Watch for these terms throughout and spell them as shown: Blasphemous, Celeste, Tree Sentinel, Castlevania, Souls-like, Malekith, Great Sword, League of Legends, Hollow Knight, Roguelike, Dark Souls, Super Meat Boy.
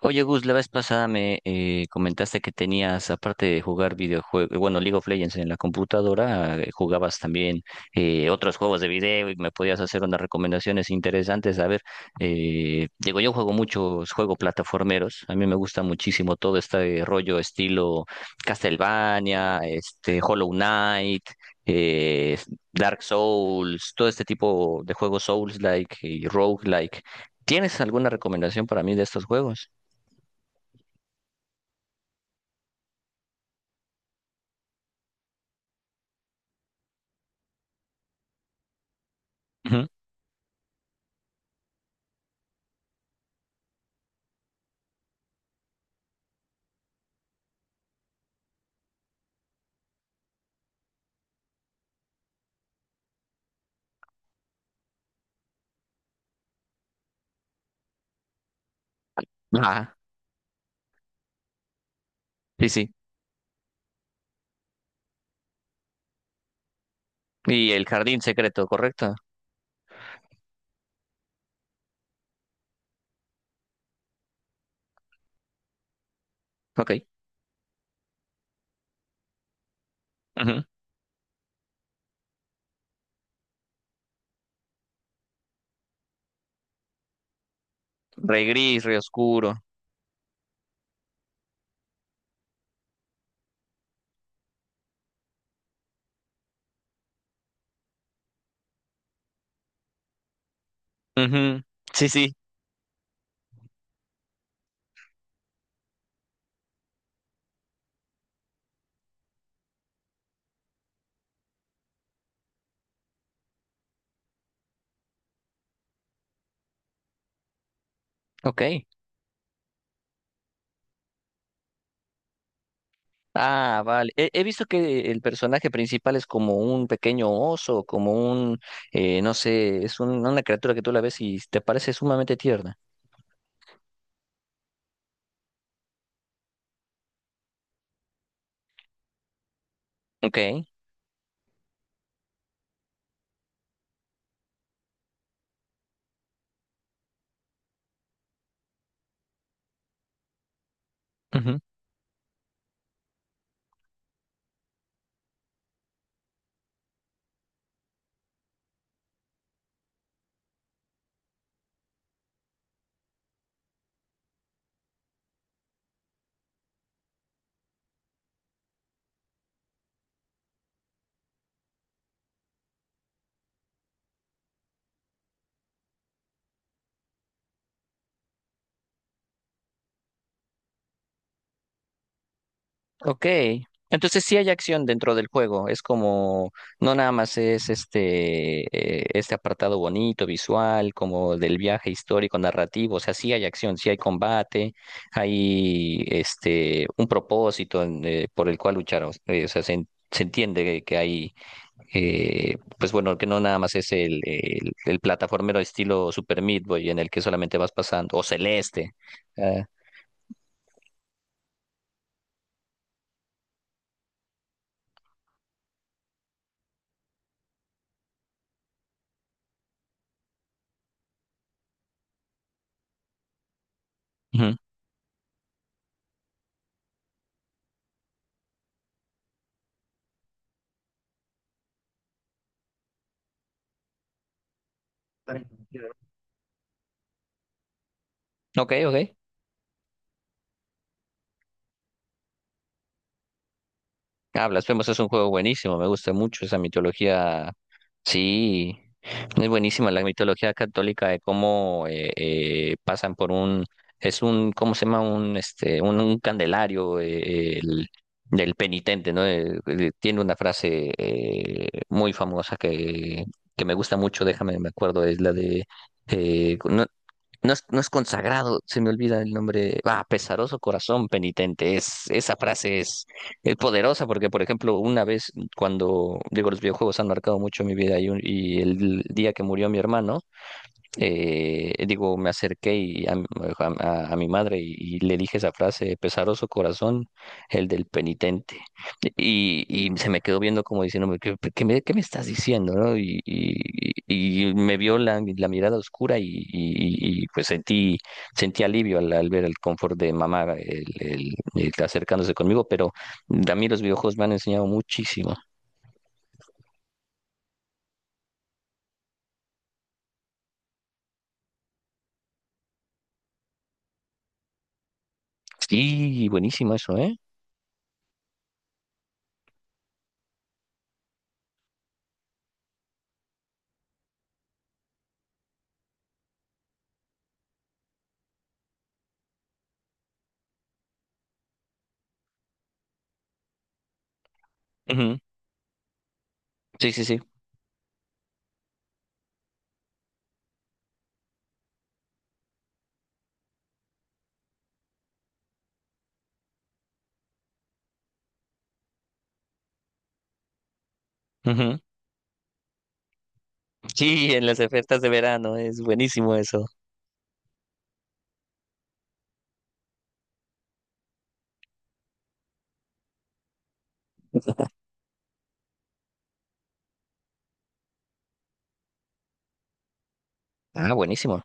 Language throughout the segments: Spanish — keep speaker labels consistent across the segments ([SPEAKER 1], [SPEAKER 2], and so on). [SPEAKER 1] Oye, Gus, la vez pasada me comentaste que tenías, aparte de jugar videojuegos, bueno, League of Legends en la computadora, jugabas también otros juegos de video y me podías hacer unas recomendaciones interesantes. A ver, digo, yo juego muchos juegos plataformeros. A mí me gusta muchísimo todo este rollo estilo Castlevania, este, Hollow Knight. eh, Dark Souls, todo este tipo de juegos Souls-like y Roguelike. ¿Tienes alguna recomendación para mí de estos juegos? Ujú. Ajá, sí, sí. ¿Y el jardín secreto, correcto? Ok. Ujú. Rey gris, rey oscuro. Ujú. Sí, sí. Ok. Ah, vale. He visto que el personaje principal es como un pequeño oso, como un, no sé, es una criatura que tú la ves y te parece sumamente tierna. Ok. Ok, entonces sí hay acción dentro del juego, es como, no nada más es este, este apartado bonito, visual, como del viaje histórico, narrativo. O sea, sí hay acción, sí hay combate, hay este, un propósito en, por el cual luchar, o sea, se, se entiende que hay, pues bueno, que no nada más es el plataformero estilo Super Meat Boy en el que solamente vas pasando, o Celeste. ah, Ujú. Ok, ok. Ah, Blasphemous es un juego buenísimo, me gusta mucho esa mitología. Sí, es buenísima la mitología católica de cómo pasan por un, es un, ¿cómo se llama? Un, este, un candelario del penitente, ¿no? Tiene una frase muy famosa que me gusta mucho. Déjame, me acuerdo, es la de, eh, no- no es, no es consagrado, se me olvida el nombre. Ah, pesaroso corazón penitente. Es, esa frase es poderosa porque, por ejemplo, una vez cuando, digo, los videojuegos han marcado mucho mi vida y, y el día que murió mi hermano, digo, me acerqué mi madre y le dije esa frase: pesaroso corazón, el del penitente. Y, y se me quedó viendo como diciéndome, ¿qué, qué me estás diciendo, no? Y, y me vio la, la mirada oscura y, pues sentí, sentí alivio al, al ver el confort de mamá el acercándose conmigo. Pero a mí los videojuegos me han enseñado muchísimo. Sí, buenísimo eso, ¿eh? Ujú. Sí, sí, sí. Ujú. Sí, en las ofertas de verano es buenísimo eso. Ah, buenísimo.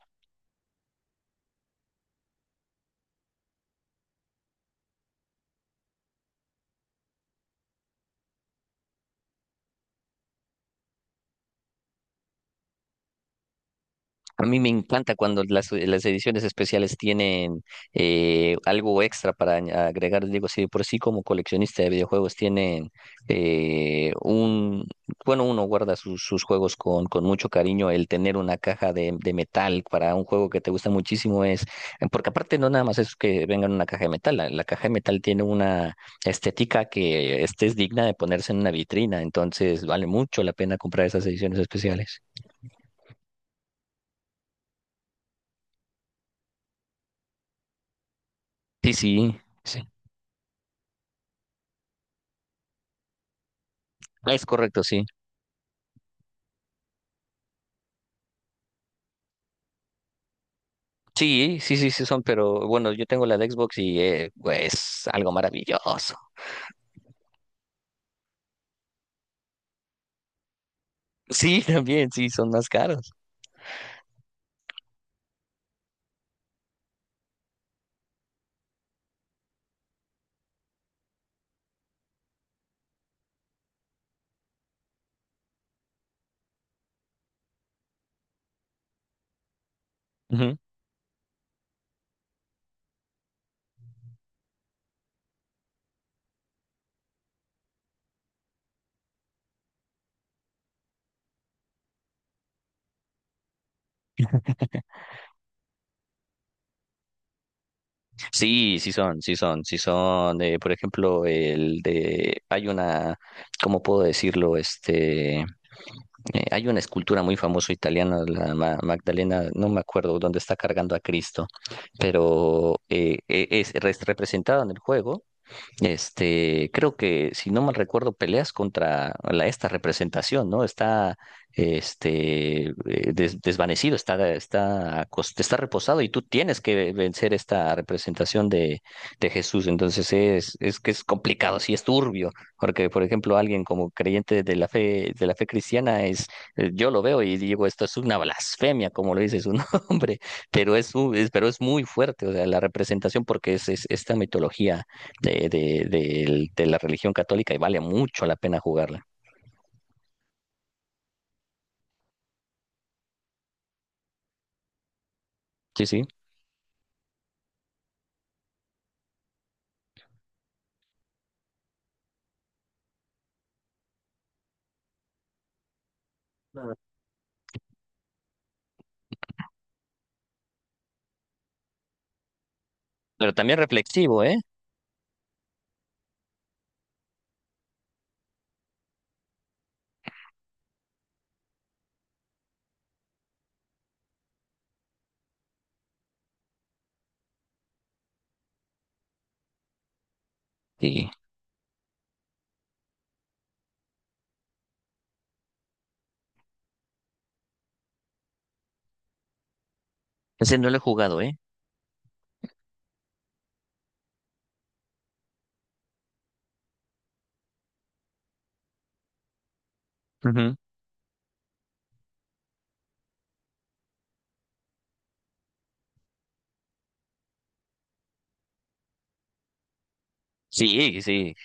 [SPEAKER 1] A mí me encanta cuando las ediciones especiales tienen algo extra para agregar. Digo, si de por sí como coleccionista de videojuegos tienen eh, un, bueno, uno guarda sus, sus juegos con mucho cariño. El tener una caja de metal para un juego que te gusta muchísimo es, porque aparte no nada más es que venga en una caja de metal. La caja de metal tiene una estética que este es digna de ponerse en una vitrina. Entonces vale mucho la pena comprar esas ediciones especiales. Sí, sí. Sí. Es correcto, sí. Sí, sí, sí, sí son, pero bueno, yo tengo la de Xbox y pues, es algo maravilloso. Sí, también, sí, son más caros. Ujú. Sí, sí son, sí son, sí son. Por ejemplo, el de, hay una, ¿cómo puedo decirlo? Este, eh, hay una escultura muy famosa italiana, la Magdalena, no me acuerdo dónde, está cargando a Cristo, pero es, representado en el juego este. Creo que, si no mal recuerdo, peleas contra la, esta representación, ¿no? Está, este, desvanecido, está, está, está reposado y tú tienes que vencer esta representación de Jesús. Entonces es que es complicado, sí es turbio, porque, por ejemplo, alguien como creyente de la fe cristiana es, yo lo veo y digo, esto es una blasfemia, como lo dice su nombre, pero es, pero es muy fuerte. O sea, la representación, porque es esta mitología de la religión católica y vale mucho la pena jugarla. Sí, sí. Claro. ¿Pero también reflexivo, eh? Sí. Ese no lo he jugado, eh. Ujú. Sí, sí.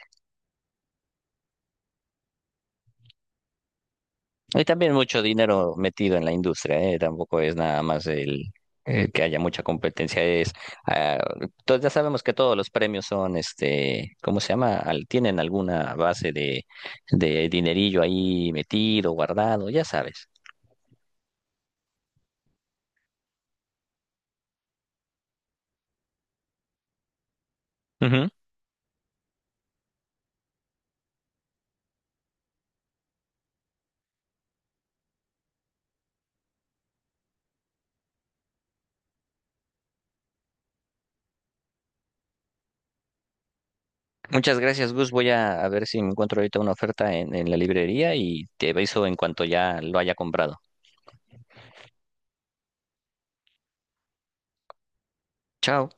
[SPEAKER 1] Hay también mucho dinero metido en la industria, ¿eh? Tampoco es nada más el que haya mucha competencia. Es, ah, ya sabemos que todos los premios son, este, ¿cómo se llama? Tienen alguna base de dinerillo ahí metido, guardado, ya sabes. Muchas gracias, Gus. Voy a ver si me encuentro ahorita una oferta en la librería y te aviso en cuanto ya lo haya comprado. Chao.